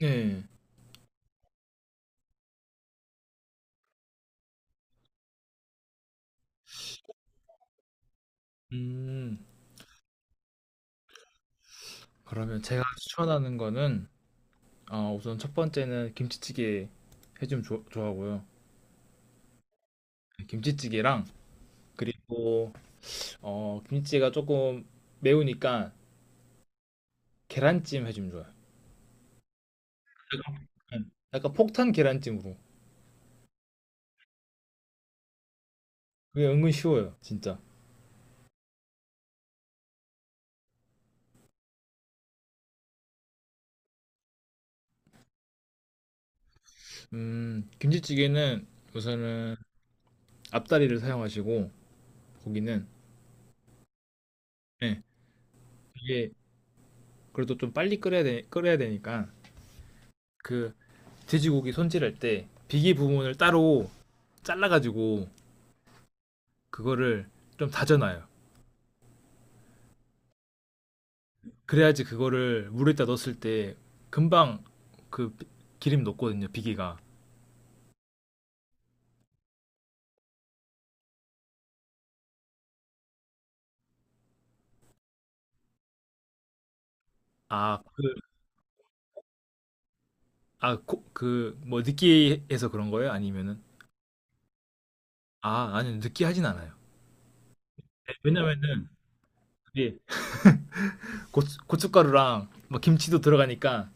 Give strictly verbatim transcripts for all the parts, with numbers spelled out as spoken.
네. 음. 그러면 제가 추천하는 거는 어, 우선 첫 번째는 김치찌개 해주면 좋 좋아하고요. 김치찌개랑 그리고 어, 김치찌개가 조금 매우니까 계란찜 해주면 좋아요. 약간 약간 폭탄 계란찜으로. 그게 은근 쉬워요, 진짜. 음, 김치찌개는 우선은 앞다리를 사용하시고 고기는 네, 이게 그래도 좀 빨리 끓여야 되, 끓여야 되니까 그 돼지고기 손질할 때 비계 부분을 따로 잘라가지고 그거를 좀 다져놔요. 그래야지 그거를 물에다 넣었을 때 금방 그 기름 녹거든요. 비계가. 아, 그, 아, 코- 그, 뭐, 느끼해서 그런 거예요? 아니면은? 아, 아니요. 느끼하진 않아요. 왜냐면은, 그게 고추, 고춧가루랑 막 김치도 들어가니까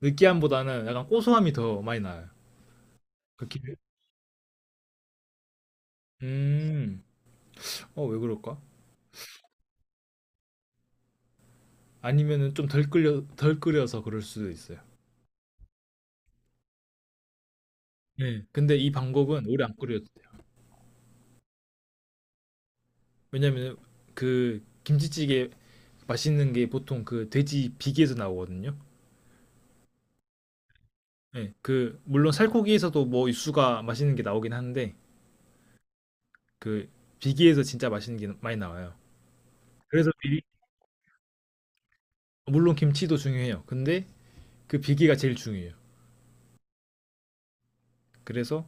느끼함보다는 약간 고소함이 더 많이 나요. 그 기름. 음, 어, 왜 그럴까? 아니면은 좀 덜 끓여, 덜 끓여서 그럴 수도 있어요. 네, 근데 이 방법은 오래 안 끓여도 돼요. 왜냐면 그 김치찌개 맛있는 게 보통 그 돼지 비계에서 나오거든요. 네, 그 물론 살코기에서도 뭐 육수가 맛있는 게 나오긴 한데 그 비계에서 진짜 맛있는 게 많이 나와요. 그래서 비- 물론 김치도 중요해요. 근데 그 비계가 제일 중요해요. 그래서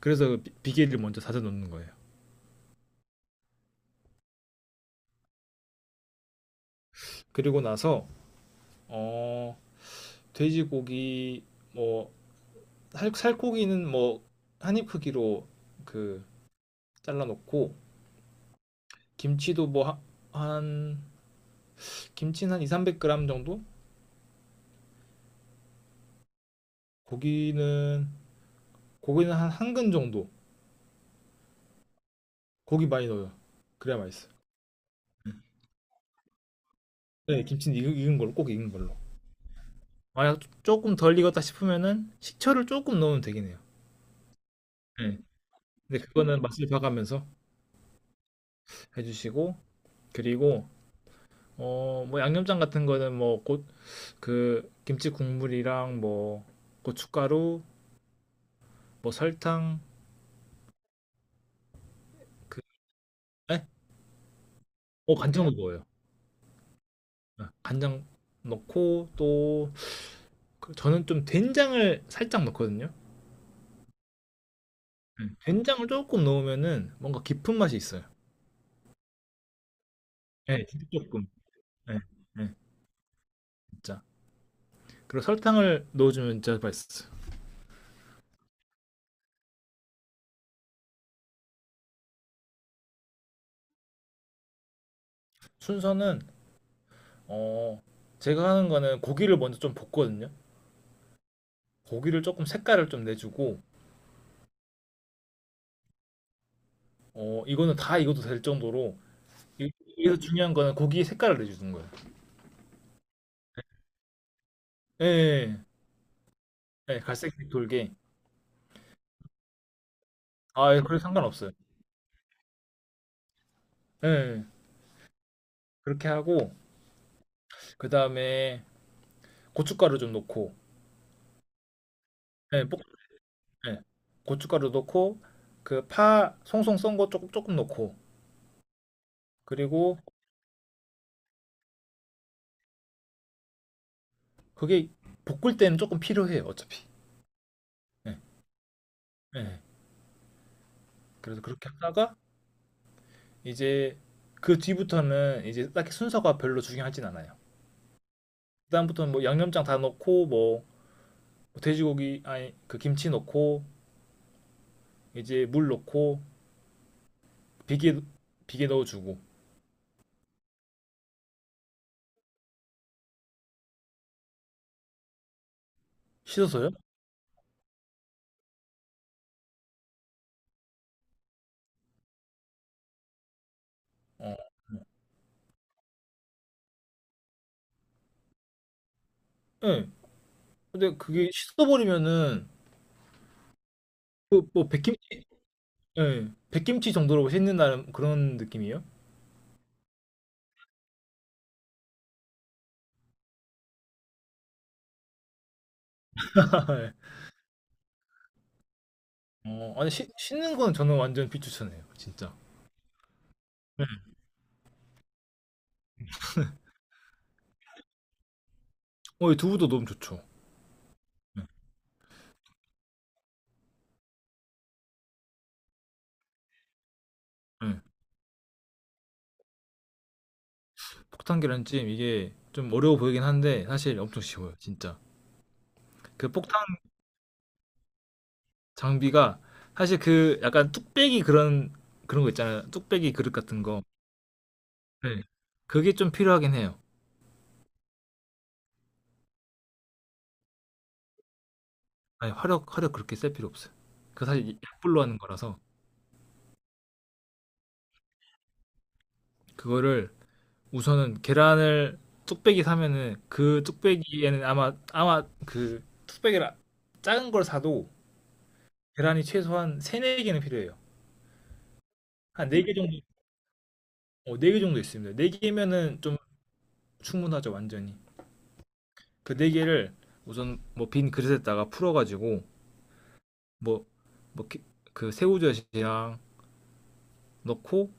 그래서 그 비- 비계를 먼저 다져 놓는 거예요. 그리고 나서 어 돼지고기 뭐 살- 살코기는 뭐 한입 크기로 그 잘라 놓고 김치도 뭐 한 김치는 한 이백, 삼백 그램 정도? 고기는 고기는 한 한 근 정도. 고기 많이 넣어요. 그래야 맛있어요. 네, 김치는 익은, 익은 걸로 꼭 익은 걸로. 만약 조금 덜 익었다 싶으면은 식초를 조금 넣으면 되긴 해요. 네. 근데 그거는 맛을 봐가면서 해주시고 그리고 어 뭐 양념장 같은 거는 뭐 곧 그 김치 국물이랑 뭐 고춧가루 뭐 설탕 그 에? 어 간장도 넣어요. 네, 간장 넣고 또 그 저는 좀 된장을 살짝 넣거든요. 예. 된장을 조금 넣으면은 뭔가 깊은 맛이 있어요. 예, 진짜 조금. 예, 예, 진짜. 그리고 설탕을 넣어주면 진짜 맛있어요. 순서는 어 제가 하는 거는 고기를 먼저 좀 볶거든요. 고기를 조금 색깔을 좀 내주고 어 이거는 다 익어도 될 정도로 이- 여기서 중요한 거는 고기 색깔을 내주는 거예요. 예, 예, 예. 예, 갈색색 돌게. 아, 예, 그래 상관없어요. 예, 예. 그렇게 하고 그 다음에 고춧가루 좀 넣고 예, 네. 고춧가루 넣고 그 파 송송 썬 거 조금 조금 넣고 그리고 그게 볶을 때는 조금 필요해요 어차피. 예 예. 그래서 그렇게 하다가 이제 그 뒤부터는 이제 딱히 순서가 별로 중요하진 않아요. 그다음부터는 뭐 양념장 다 넣고 뭐 돼지고기 아니 그 김치 넣고 이제 물 넣고 비계 비계 넣어주고. 씻어서요? 어. 네. 근데 그게 씻어버리면은 그뭐 백김 예, 백김치 정도로 씻는다는 그런 느낌이에요? 어, 아니 씻- 씻는 건 저는 완전 비추천해요, 진짜. 어, 이 두부도 너무 좋죠. 네, 네. 폭탄 계란찜 이게 좀 어려워 보이긴 한데 사실 엄청 쉬워요, 진짜. 그 폭탄 장비가 사실 그 약간 뚝배기 그런 그런 거 있잖아요, 뚝배기 그릇 같은 거. 네, 그게 좀 필요하긴 해요. 아니 화력 화력 그렇게 쓸 필요 없어요. 그 사실 약불로 하는 거라서 그거를 우선은 계란을 뚝배기 사면은 그 뚝배기에는 아마 아마 그 뚝배기를 작은 걸 사도 계란이 최소한 세네 개는 필요해요. 한 네 개 정도, 어, 네 개 정도 있습니다. 네 개면은 좀 충분하죠, 완전히. 그 네 개를 우선 뭐 빈 그릇에다가 풀어가지고, 뭐, 뭐, 게- 그 새우젓이랑 넣고,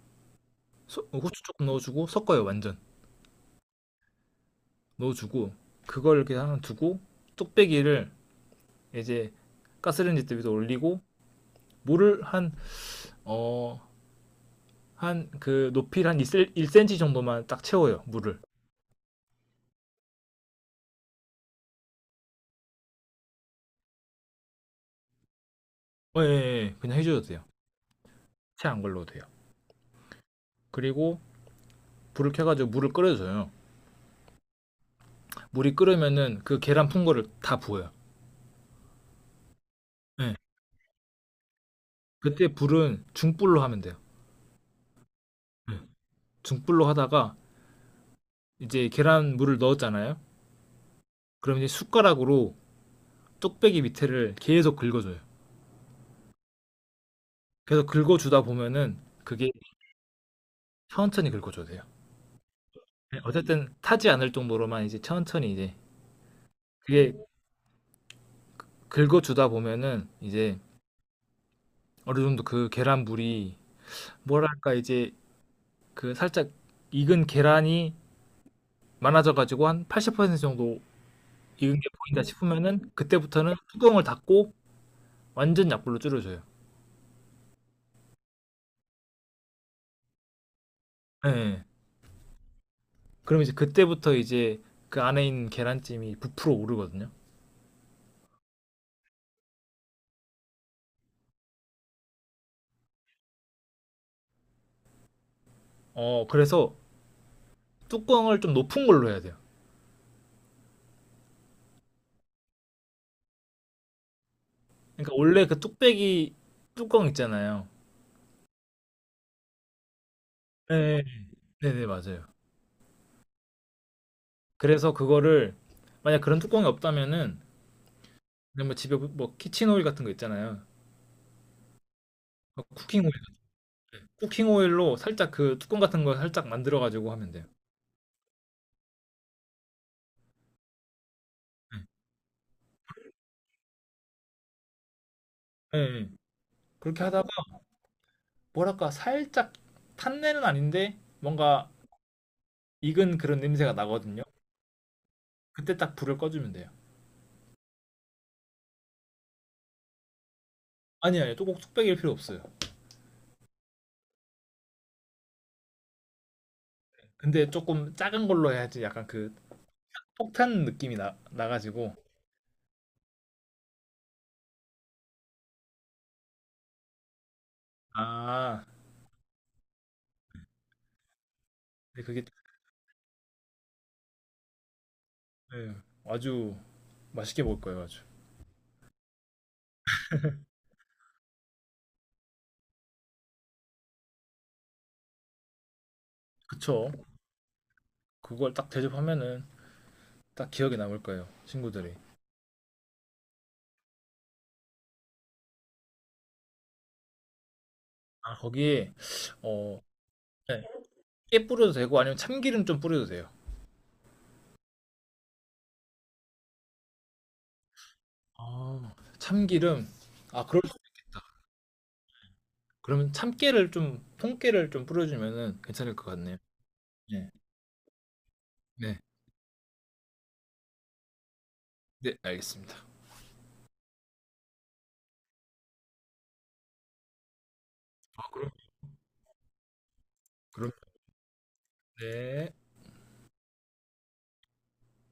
소- 후추 조금 넣어주고, 섞어요, 완전. 넣어주고, 그걸 이렇게 하나 두고, 뚝배기를 이제 가스레인지 때 위에 올리고, 물을 한, 어, 한 그 높이를 한 일 센티미터 정도만 딱 채워요, 물을. 어, 예, 예, 예. 그냥 해줘도 돼요. 채 안 걸러도 돼요. 그리고 불을 켜가지고 물을 끓여줘요. 물이 끓으면은 그 계란 푼 거를 다 부어요. 네. 그때 불은 중불로 하면 돼요. 네. 중불로 하다가 이제 계란 물을 넣었잖아요. 그럼 이제 숟가락으로 쪽배기 밑에를 계속 긁어줘요. 계속 긁어주다 보면은 그게 천천히 긁어줘야 돼요. 네. 어쨌든 타지 않을 정도로만 이제 천천히 이제 그게 긁어주다 보면은 이제 어느 정도 그 계란 물이 뭐랄까 이제 그 살짝 익은 계란이 많아져가지고 한 팔십 퍼센트 정도 익은 게 보인다 싶으면은 그때부터는 뚜껑을 닫고 완전 약불로 줄여줘요. 예. 그럼 이제 그때부터 이제 그 안에 있는 계란찜이 부풀어 오르거든요. 어, 그래서 뚜껑을 좀 높은 걸로 해야 돼요. 그러니까 원래 그 뚝배기 뚜껑 있잖아요. 네, 네네, 맞아요. 그래서 그거를 만약 그런 뚜껑이 없다면은 그냥 뭐 집에 뭐 키친 오일 같은 거 있잖아요. 어, 쿠킹 오일, 쿠킹 오일로 살짝 그 뚜껑 같은 거 살짝 만들어 가지고 하면 돼요. 예, 예. 예. 그렇게 하다가 뭐랄까 살짝 탄내는 아닌데 뭔가 익은 그런 냄새가 나거든요. 그때 딱 불을 꺼주면 돼요. 아니 아니 또꼭 뚝배기일 필요 없어요. 근데 조금 작은 걸로 해야지 약간 그 폭탄 느낌이 나, 나가지고. 아 근데 그게 예, 아주 맛있게 먹을 거예요 아주. 그쵸? 그걸 딱 대접하면은 딱 기억에 남을 거예요 친구들이. 아 거기에 어 네, 깨 뿌려도 되고 아니면 참기름 좀 뿌려도 돼요. 아 참기름. 아 그럴 수도 있겠다. 그러면 참깨를 좀 통깨를 좀 뿌려주면은 괜찮을 것 같네요. 네. 네. 네, 알겠습니다. 아, 그럼 그럼 네.